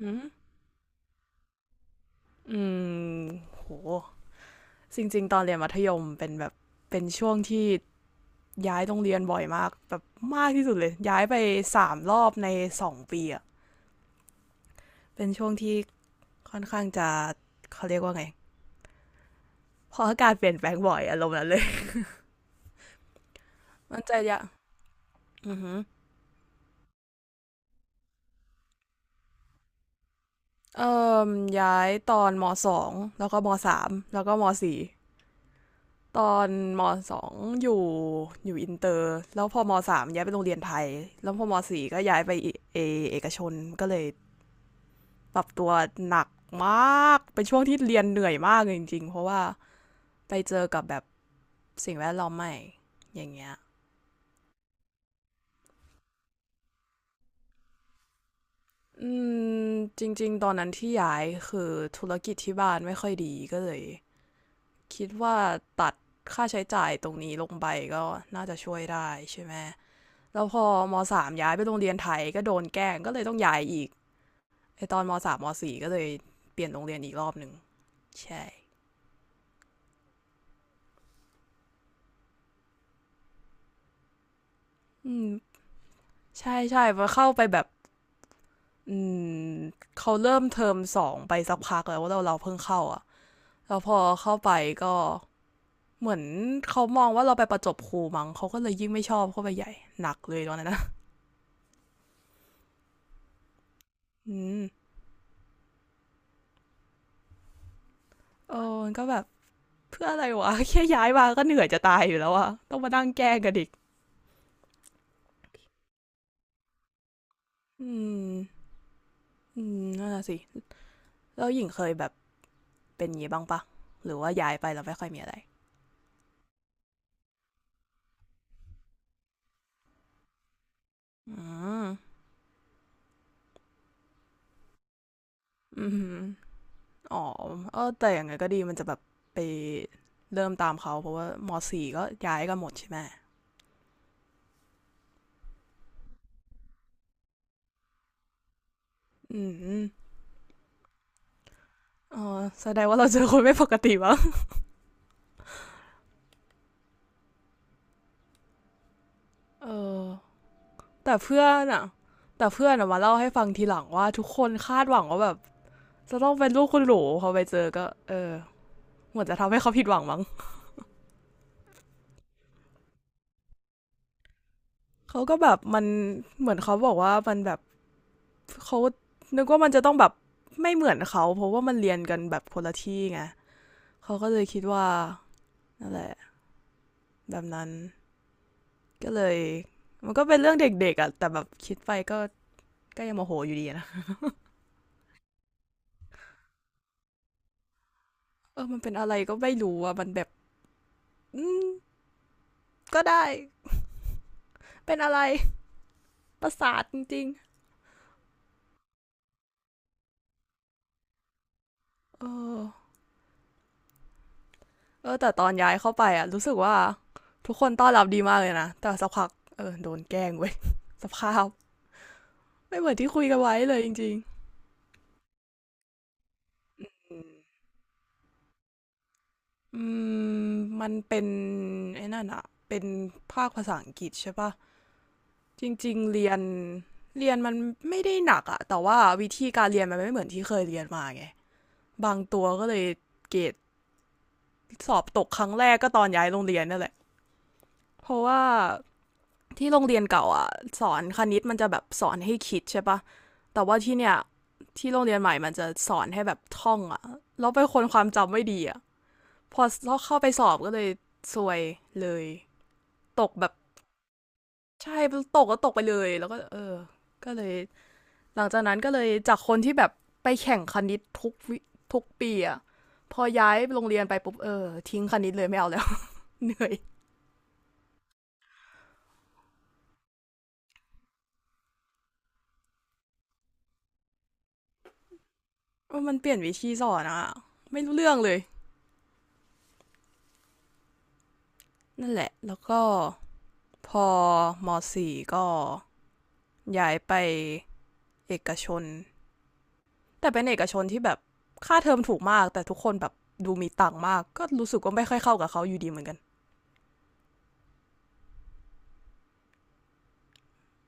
อืมอืมโหจริงๆตอนเรียนมัธยมเป็นแบบ เป็นช่วงที่ย้ายโรงเรียนบ่อยมากแบบมากที่สุดเลยย้ายไป3 รอบใน2 ปีอะเป็นช่วงที่ค่อนข้างจะเขาเรียกว่าไงพออากาศเปลี่ยนแปลงบ่อยอารมณ์นั้นเลย มันจะยะอือหือเอ่มย้ายตอนมสองแล้วก็มสามแล้วก็มสี่ ตอนมสองอยู่อยู่อินเตอร์แล้วพอมสามย้ายไปโรงเรียนไทยแล้วพอมสี่ก็ย้ายไปเอเอกชนก็เลยปรับตัวหนักมากเป็นช่วงที่เรียนเหนื่อยมากเลยจริงๆเพราะว่าไปเจอกับแบบสิ่งแวดล้อมใหม่อย่างเงี้ยอืมจริงๆตอนนั้นที่ย้ายคือธุรกิจที่บ้านไม่ค่อยดีก็เลยคิดว่าตัดค่าใช้จ่ายตรงนี้ลงไปก็น่าจะช่วยได้ใช่ไหม แล้วพอมสามย้ายไปโรงเรียนไทยก็โดนแกล้งก็เลยต้องย้ายอีกไอตอนมสามมสี่ก็เลยเปลี่ยนโรงเรียนอีกรอบหนึ่งใช่อืมใช่ใช่พอเข้าไปแบบอืมเขาเริ่มเทอมสองไปสักพักแล้วว่าเราเพิ่งเข้าอ่ะแล้วพอเข้าไปก็เหมือนเขามองว่าเราไปประจบครูมั้งเขาก็เลยยิ่งไม่ชอบเข้าไปใหญ่หนักเลยตอนนั้นนะอืมเออมันก็แบบเพื่ออะไรวะ แค่ย้ายมาก็เหนื่อยจะตายอยู่แล้วอะต้องมานั่งแกล้งกันอีกอืมอืมนั่นแหละสิ แล้วหญิงเคยแบบเป็นอย่างนี้บ้างปะหรือว่าย้ายไปแล้วไม่ค่อยมีอะไรอืมอืมอ๋อเออแต่อย่างไงก็ดีมันจะแบบไปเริ่มตามเขาเพราะว่ามสี่ก็ย้ายกันหมดใช่ไหมอืมอ๋อแสดงว่าเราเจอคนไม่ปกติวะเออแต่เพื่อนอะแต่เพื่อนอะมาเล่าให้ฟังทีหลังว่าทุกคนคาดหวังว่าแบบจะต้องเป็นลูกคุณหลูพอไปเจอก็เออเหมือนจะทำให้เขาผิดหวังมั้งเขาก็แบบมันเหมือนเขาบอกว่ามันแบบ เขานึกว่ามันจะต้องแบบไม่เหมือนเขาเพราะว่ามันเรียนกันแบบคนละที่ไงเขาก็เลยคิดว่านั่นแหละแบบนั้นก็เลยมันก็เป็นเรื่องเด็กๆอะแต่แบบคิดไปก็ก็ยังโมโหอยู่ดีนะเออมันเป็นอะไรก็ไม่รู้อะมันแบบอืมก็ได้เป็นอะไรประสาทจริงๆเออเออแต่ตอนย้ายเข้าไปอะรู้สึกว่าทุกคนต้อนรับดีมากเลยนะแต่สักพักเออโดนแกล้งเว้ย สภาพไม่เหมือนที่คุยกันไว้เลยจริงๆ อืมมันเป็นไอ้นั่นอะเป็นภาคภาษาอังกฤษใช่ปะ จริงๆเรียนมันไม่ได้หนักอะแต่ว่าวิธีการเรียนมันไม่เหมือนที่เคยเรียนมาไงบางตัวก็เลยเกรดสอบตกครั้งแรกก็ตอนย้ายโรงเรียนนั่นแหละเพราะว่าที่โรงเรียนเก่าอะสอนคณิตมันจะแบบสอนให้คิดใช่ปะแต่ว่าที่เนี่ยที่โรงเรียนใหม่มันจะสอนให้แบบท่องอะแล้วเป็นคนความจำไม่ดีอะพอเข้าไปสอบก็เลยซวยเลยตกแบบ ใช่ตกก็ตกไปเลยแล้วก็เออก็เลย หลังจากนั้นก็เลยจากคนที่แบบไปแข่งคณิตทุกปีอะพอย้ายโรงเรียนไปปุ๊บเออทิ้งคณิตเลยไม่เอาแล้ว เหนื่อยเออมันเปลี่ยนวิธีสอนอะ ไม่รู้เรื่องเลย นั่นแหละ แล้วก็พอมสี่ก็ย้ายไปเอกชนแต่เป็นเอกชนที่แบบค่าเทอมถูกมาก แต่ทุกคนแบบดูมีตังค์มาก ก็รู้สึกว่าไม่ค่อยเข้ากับเขาอยู่ดีเหมือนกัน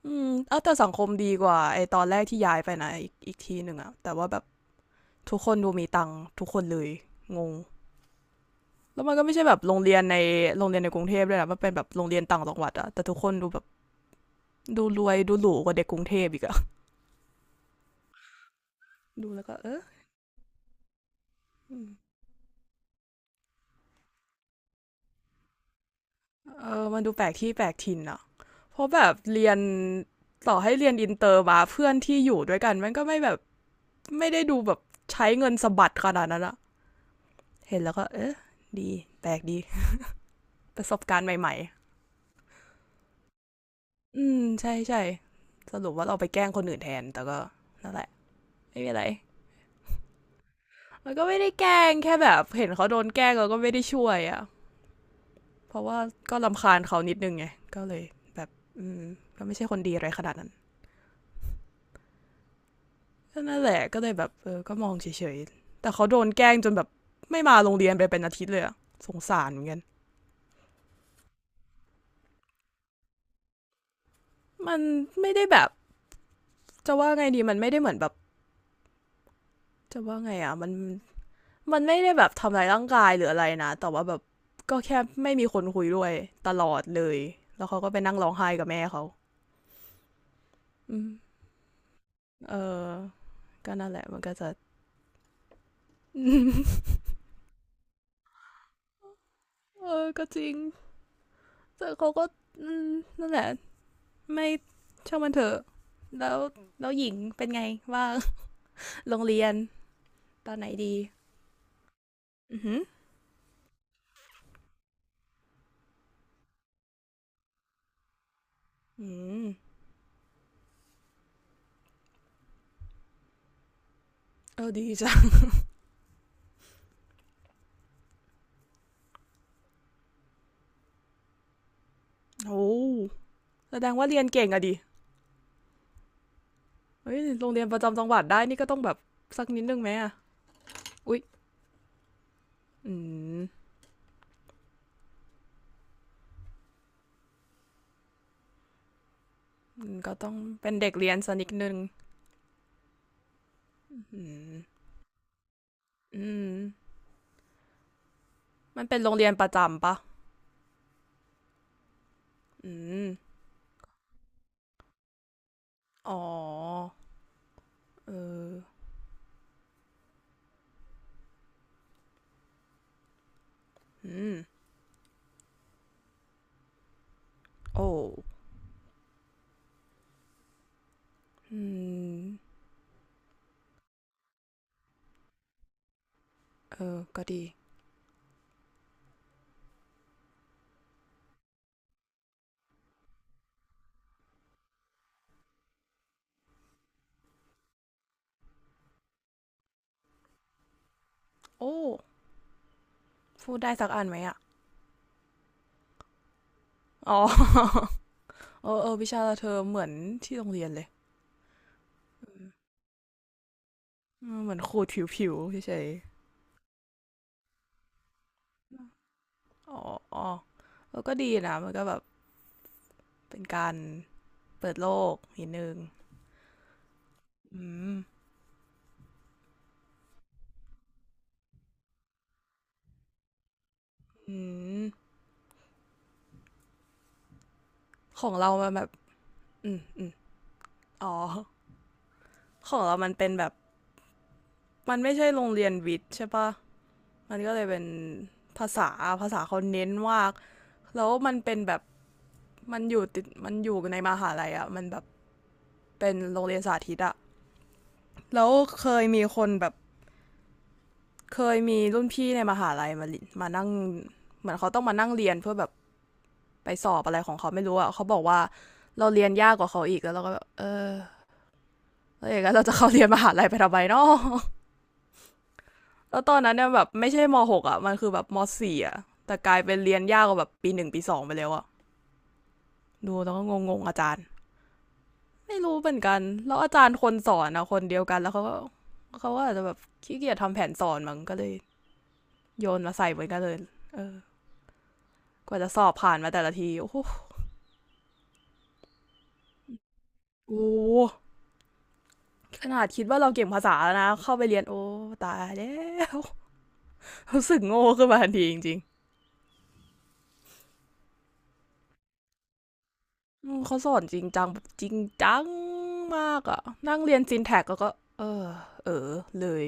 อืมเอาแต่สังคมดีกว่าไอตอนแรกที่ย้ายไปนะอีกทีหนึ่งอะแต่ว่าแบบทุกคนดูมีตังค์ทุกคนเลยงงแล้วมันก็ไม่ใช่แบบโรงเรียนในกรุงเทพด้วยนะมันเป็นแบบโรงเรียนต่างจังหวัดอะแต่ทุกคนดูแบบดูรวยดูหรูกว่าเด็กกรุงเทพอีกอะดูแล้วก็เอออืมเออมันดูแปลกที่แปลกถิ่นอะเพราะแบบเรียนต่อให้เรียนอินเตอร์มาเพื่อนที่อยู่ด้วยกันมันก็ไม่แบบไม่ได้ดูแบบใช้เงินสะบัดขนาดนั้นอะเห็นแล้วก็เออดีแปลกดีประสบการณ์ใหม่ อืมใช่ใช่สรุปว่าเราไปแกล้งคนอื่นแทนแต่ก็นั่นแหละไม่มีอะไรมันก็ไม่ได้แกล้งแค่แบบเห็นเขาโดนแกล้งเราก็ไม่ได้ช่วยอะ่ะเพราะว่าก็รำคาญเขานิดนึงไงก็เลยแบบอืมก็ไม่ใช่คนดีอะไรขนาดนั้นก็นั่นแหละก็เลยแบบเออก็มองเฉยๆแต่เขาโดนแกล้งจนแบบไม่มาโรงเรียนไปเป็นอาทิตย์เลยอะสงสารเหมือนกันมันไม่ได้แบบจะว่าไงดีมันไม่ได้เหมือนแบบจะว่าไงมันไม่ได้แบบทำร้ายร่างกายหรืออะไรนะแต่ว่าแบบก็แค่ไม่มีคนคุยด้วยตลอดเลยแล้วเขาก็ไปนั่งร้องไห้กับแม่เขาอืมเออก็นั่นแหละมันก็จะ เออก็จริงแต่เขาก็อืมนั่นแหละไม่ช่างมันเถอะแล้วแล้วหญิงเป็นไงว่าโรงเรียนตอนไหนดีอือหืออืมเออดีจ้ะโอ้แสดงว่าเรียนเก่งอะดิเฮ้ยโรงเรียนประจำจังหวัดได้นี่ก็ต้องแบบสักนิดนึงไหมอะอุ๊ย อืมมก็ต้องเป็นเด็กเรียนสันิดนึงอืมอืมมันเป็นโรงเรียนประจำปะอืมอ๋อเอออืมโอ้อืมเออก็ดีโอ้พูดได้สักอันไหมอ่ะอ๋อ เออเออวิชาเธอเหมือนที่โรงเรียนเลยอืมเหมือนขูดผิวๆเฉยๆอ๋อเออก็ดีนะมันก็แบบเป็นการเปิดโลกนิดนึงอืมอืมของเรามันแบบอืมอืมอ๋อ ของเรามันเป็นแบบมันไม่ใช่โรงเรียนวิทย์ใช่ปะมันก็เลยเป็นภาษาภาษาเขาเน้นมากแล้วมันเป็นแบบมันอยู่ในมหาลัยอะ่ะมันแบบเป็นโรงเรียนสาธิตอะแล้วเคยมีคนแบบเคยมีรุ่นพี่ในมหาลัยมามานั่งเหมือนเขาต้องมานั่งเรียนเพื่อแบบไปสอบอะไรของเขาไม่รู้อ่ะเขาบอกว่าเราเรียนยากกว่าเขาอีกแล้วเราก็แบบเออแล้วอย่างนั้นเราจะเข้าเรียนมหาลัยไปทำไมเนาะ แล้วตอนนั้นเนี่ยแบบไม่ใช่มหกอ่ะมันคือแบบมสี่อ่ะแต่กลายเป็นเรียนยากกว่าแบบปีหนึ่งปีสองไปแล้วอ่ะดูแล้วก็งงๆอาจารย์ไม่รู้เหมือนกันแล้วอาจารย์คนสอนอะคนเดียวกันแล้วเขาก็อาจจะแบบขี้เกียจทำแผนสอนมั้งก็เลยโยนมาใส่เหมือนกันเลยเออกว่าจะสอบผ่านมาแต่ละทีโอ้โหโอ้โหขนาดคิดว่าเราเก่งภาษาแล้วนะเข้าไปเรียนโอ้ตายแล้วรู้สึกโง่ขึ้นมาทันทีจริง อืมเขาสอนจริงจังแบบจริงจังมากอะนั่งเรียนซินแท็กแล้วก็เออเออเลย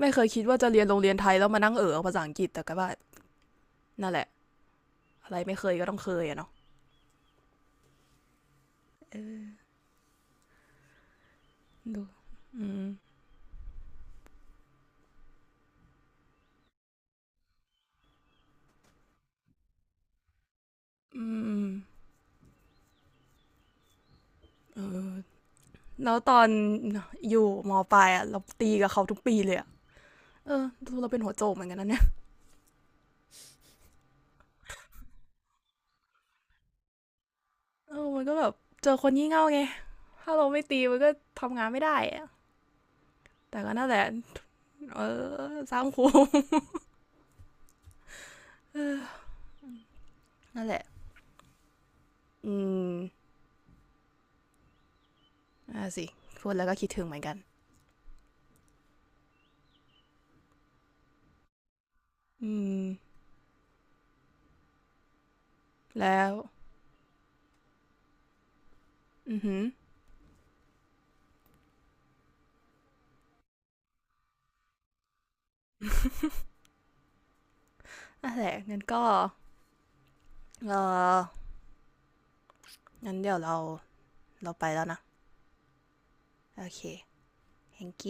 ไม่เคยคิดว่าจะเรียนโรงเรียนไทยแล้วมานั่งเออเอาภาษาอังกฤษแต่ก็ว่านั่นแหละอะไรไม่เคยก็ต้องเคยอะเนาะเออดูอืมอืมอืมเออแล้วตอนอยู่มปลายอะเราตีกับเขาทุกปีเลยอะเออดูเราเป็นหัวโจกเหมือนกันนะเนี่ยเออมันก็แบบเจอคนงี่เง่าไงถ้าเราไม่ตีมันก็ทำงานไม่ได้อะแต่ก็นั่นแหละเออสร้างครู นั่นแหละ อืมน่าสิพูดแล้วก็คิดถึงเหมือนกัน อืมแล้ว อือหืออ่ะแหละงั้นก็เอองั้นเดี๋ยวเราไปแล้วนะ โอเคแ h a n k y